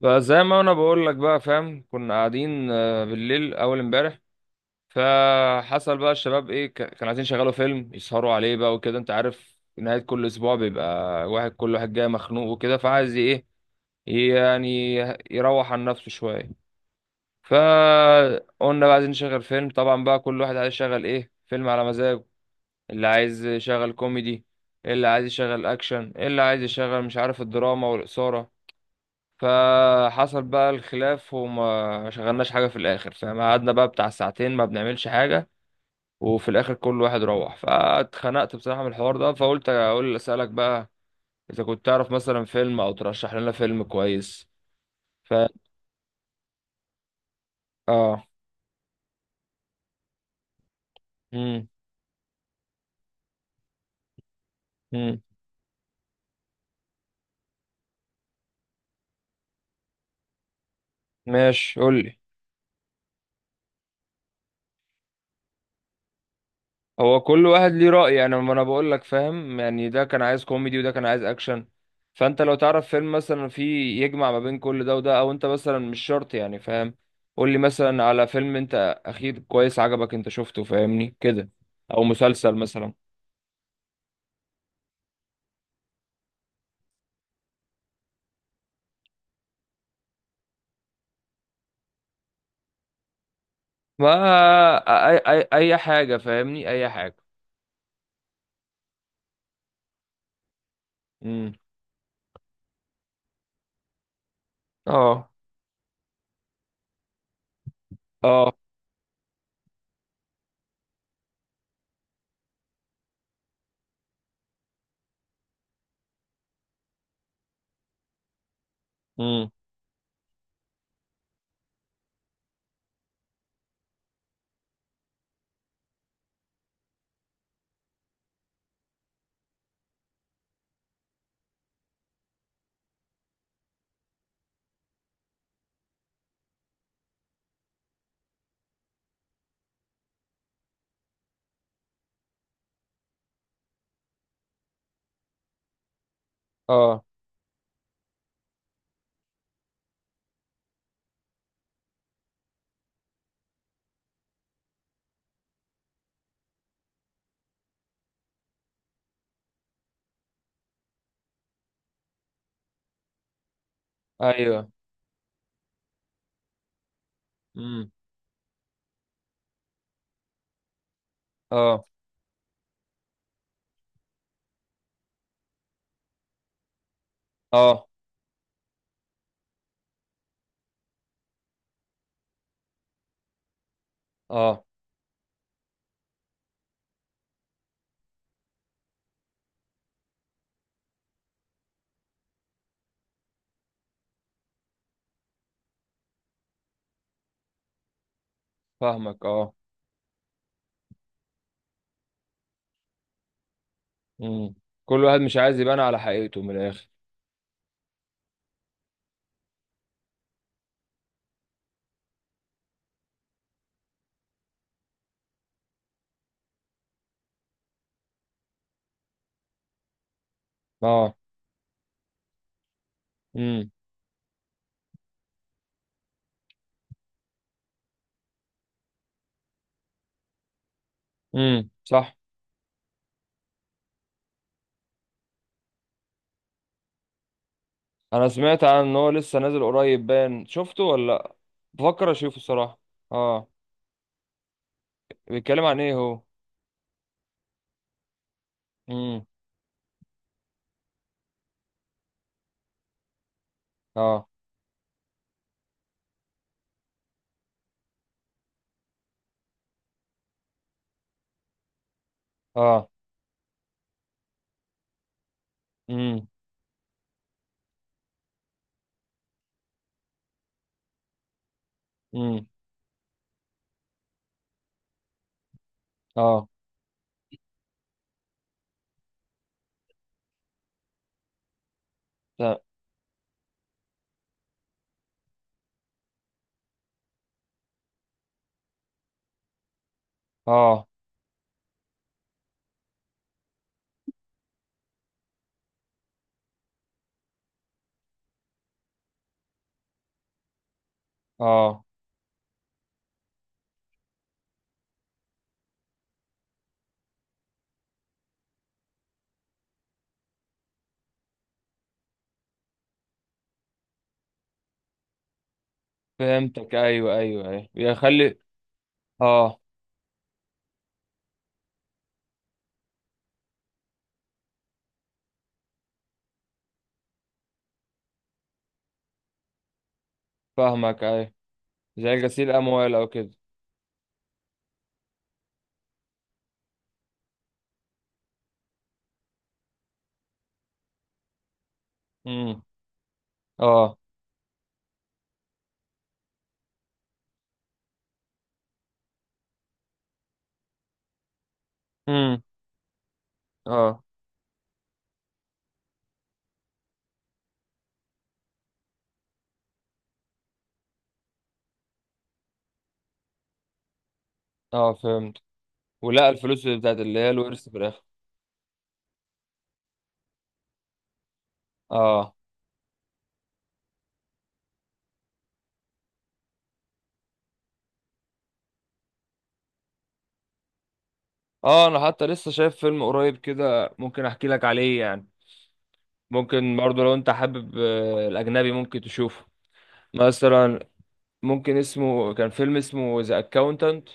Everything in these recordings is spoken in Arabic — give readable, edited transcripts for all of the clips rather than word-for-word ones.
فزي ما انا بقول لك بقى، فاهم؟ كنا قاعدين بالليل اول امبارح. فحصل بقى الشباب ايه، كانوا عايزين يشغلوا فيلم يسهروا عليه بقى وكده. انت عارف، نهاية كل اسبوع بيبقى كل واحد جاي مخنوق وكده، فعايز ايه يعني؟ يروح عن نفسه شوية. فقلنا بقى عايزين نشغل فيلم. طبعا بقى كل واحد عايز يشغل ايه، فيلم على مزاجه. اللي عايز يشغل كوميدي، اللي عايز يشغل اكشن، اللي عايز يشغل مش عارف الدراما والإثارة. فحصل بقى الخلاف وما شغلناش حاجة في الآخر، فاهم؟ قعدنا بقى بتاع ساعتين ما بنعملش حاجة، وفي الآخر كل واحد روح. فاتخنقت بصراحة من الحوار ده، فقلت أقول أسألك بقى، إذا كنت تعرف مثلا فيلم، أو ترشح لنا فيلم كويس. ف آه. مم. مم. ماشي، قول لي. هو كل واحد ليه رأي. انا ما انا بقول لك، فاهم يعني، ده كان عايز كوميدي وده كان عايز اكشن. فانت لو تعرف فيلم مثلا فيه يجمع ما بين كل ده وده، او انت مثلا مش شرط يعني، فاهم؟ قول لي مثلا على فيلم انت اخير كويس عجبك انت شفته، فاهمني كده؟ او مسلسل مثلا. ما اي حاجة، فاهمني؟ اي حاجة. امم. اه. اه. امم. اه. ايوه. امم. اه اه. اه. فاهمك، اه. امم. كل واحد مش عايز يبان على حقيقته من الاخر. اه. امم. امم، صح. انا سمعت عن ان هو لسه نازل قريب، باين. شفته ولا لأ؟ بفكر اشوفه الصراحه. اه. بيتكلم عن ايه هو؟ امم. اه. اه. امم. امم. اه. ت- اه. اه. فهمتك، ايوه ايوه ايوه، بيخلي. اه. فاهمك، ايوه. زي غسيل اموال او كده. امم. اه. امم. اه. اه، فهمت. ولا الفلوس اللي هي الورث في الاخر. اه. اه، انا حتى لسه شايف فيلم قريب كده، ممكن احكي لك عليه يعني. ممكن برضه لو انت حابب الاجنبي، ممكن تشوفه مثلا. ممكن كان فيلم اسمه ذا اكاونتنت.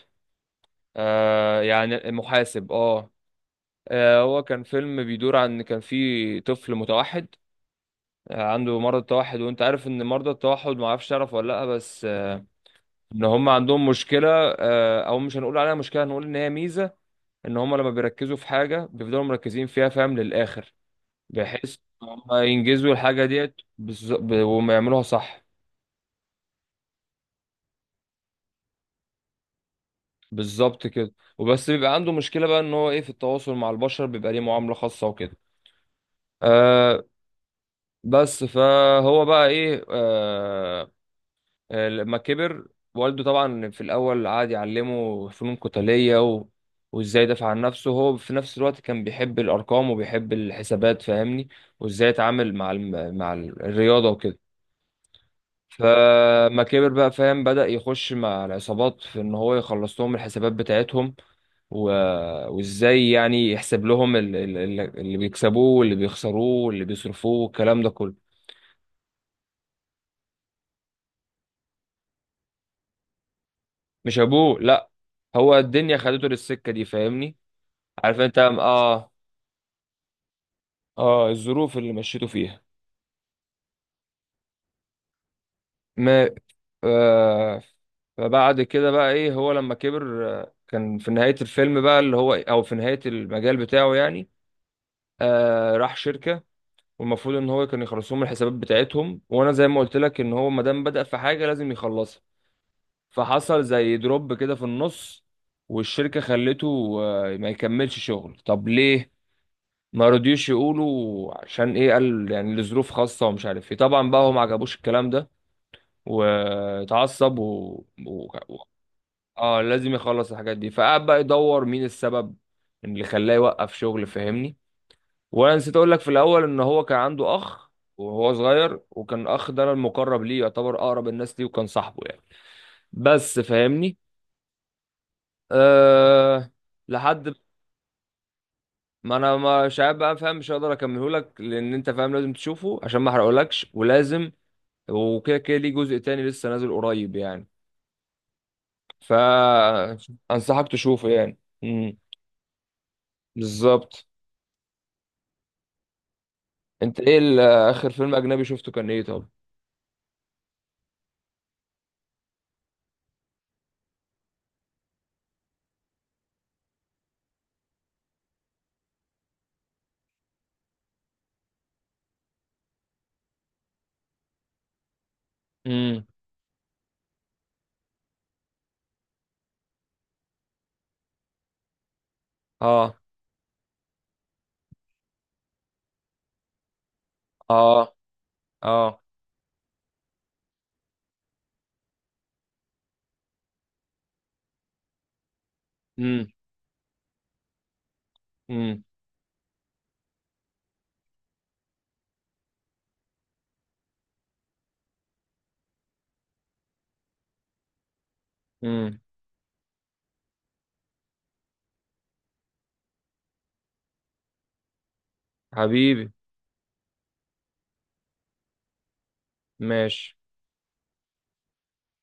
يعني المحاسب، اه. هو كان فيلم بيدور عن، كان في طفل متوحد. عنده مرض التوحد، وانت عارف ان مرضى التوحد، ما اعرفش تعرف ولا لا، بس ان هم عندهم مشكلة. او مش هنقول عليها مشكلة، هنقول ان هي ميزة. ان هم لما بيركزوا في حاجة بيفضلوا مركزين فيها، فاهم، للاخر. بحيث ان هم ينجزوا الحاجه ديت وما يعملوها صح. بالظبط كده. وبس بيبقى عنده مشكله بقى، ان هو ايه، في التواصل مع البشر بيبقى ليه معامله خاصه وكده. آه. بس فهو بقى ايه. لما كبر، والده طبعا في الاول قعد يعلمه فنون قتاليه وازاي يدافع عن نفسه. هو في نفس الوقت كان بيحب الارقام وبيحب الحسابات، فاهمني، وازاي يتعامل مع مع الرياضه وكده. فما كبر بقى، فاهم، بدأ يخش مع العصابات في ان هو يخلص لهم الحسابات بتاعتهم و... وازاي يعني يحسب لهم اللي بيكسبوه واللي بيخسروه واللي بيصرفوه والكلام ده كله. مش ابوه، لا. هو الدنيا خدته للسكة دي، فاهمني. عارف انت، اه. اه، الظروف اللي مشيته فيها. ما آه فبعد كده بقى ايه، هو لما كبر كان في نهاية الفيلم بقى، اللي هو او في نهاية المجال بتاعه يعني، راح شركة، والمفروض ان هو كان يخلص لهم الحسابات بتاعتهم. وانا زي ما قلت لك، ان هو ما دام بدأ في حاجه لازم يخلصها. فحصل زي دروب كده في النص، والشركه خلته ما يكملش شغل. طب ليه؟ ما رضيوش يقولوا عشان ايه. قال يعني لظروف خاصه ومش عارف ايه. طبعا بقى هو ما عجبوش الكلام ده، واتعصب و... و... اه، لازم يخلص الحاجات دي. فقعد بقى يدور مين السبب اللي خلاه يوقف شغل، فاهمني؟ وانا نسيت اقول لك في الاول ان هو كان عنده اخ وهو صغير، وكان الاخ ده المقرب ليه، يعتبر اقرب الناس ليه وكان صاحبه يعني، بس، فاهمني؟ أه. لحد، ما انا مش عارف بقى، فاهم، مش هقدر اكمله لك، لان انت فاهم لازم تشوفه عشان ما احرقهولكش. ولازم، وكده كده، ليه جزء تاني لسه نازل قريب يعني. فانصحك تشوفه يعني. بالظبط. انت ايه اخر فيلم اجنبي شفته كان ايه طب؟ امم. اه. اه. اه. امم. امم. حبيبي. ماشي.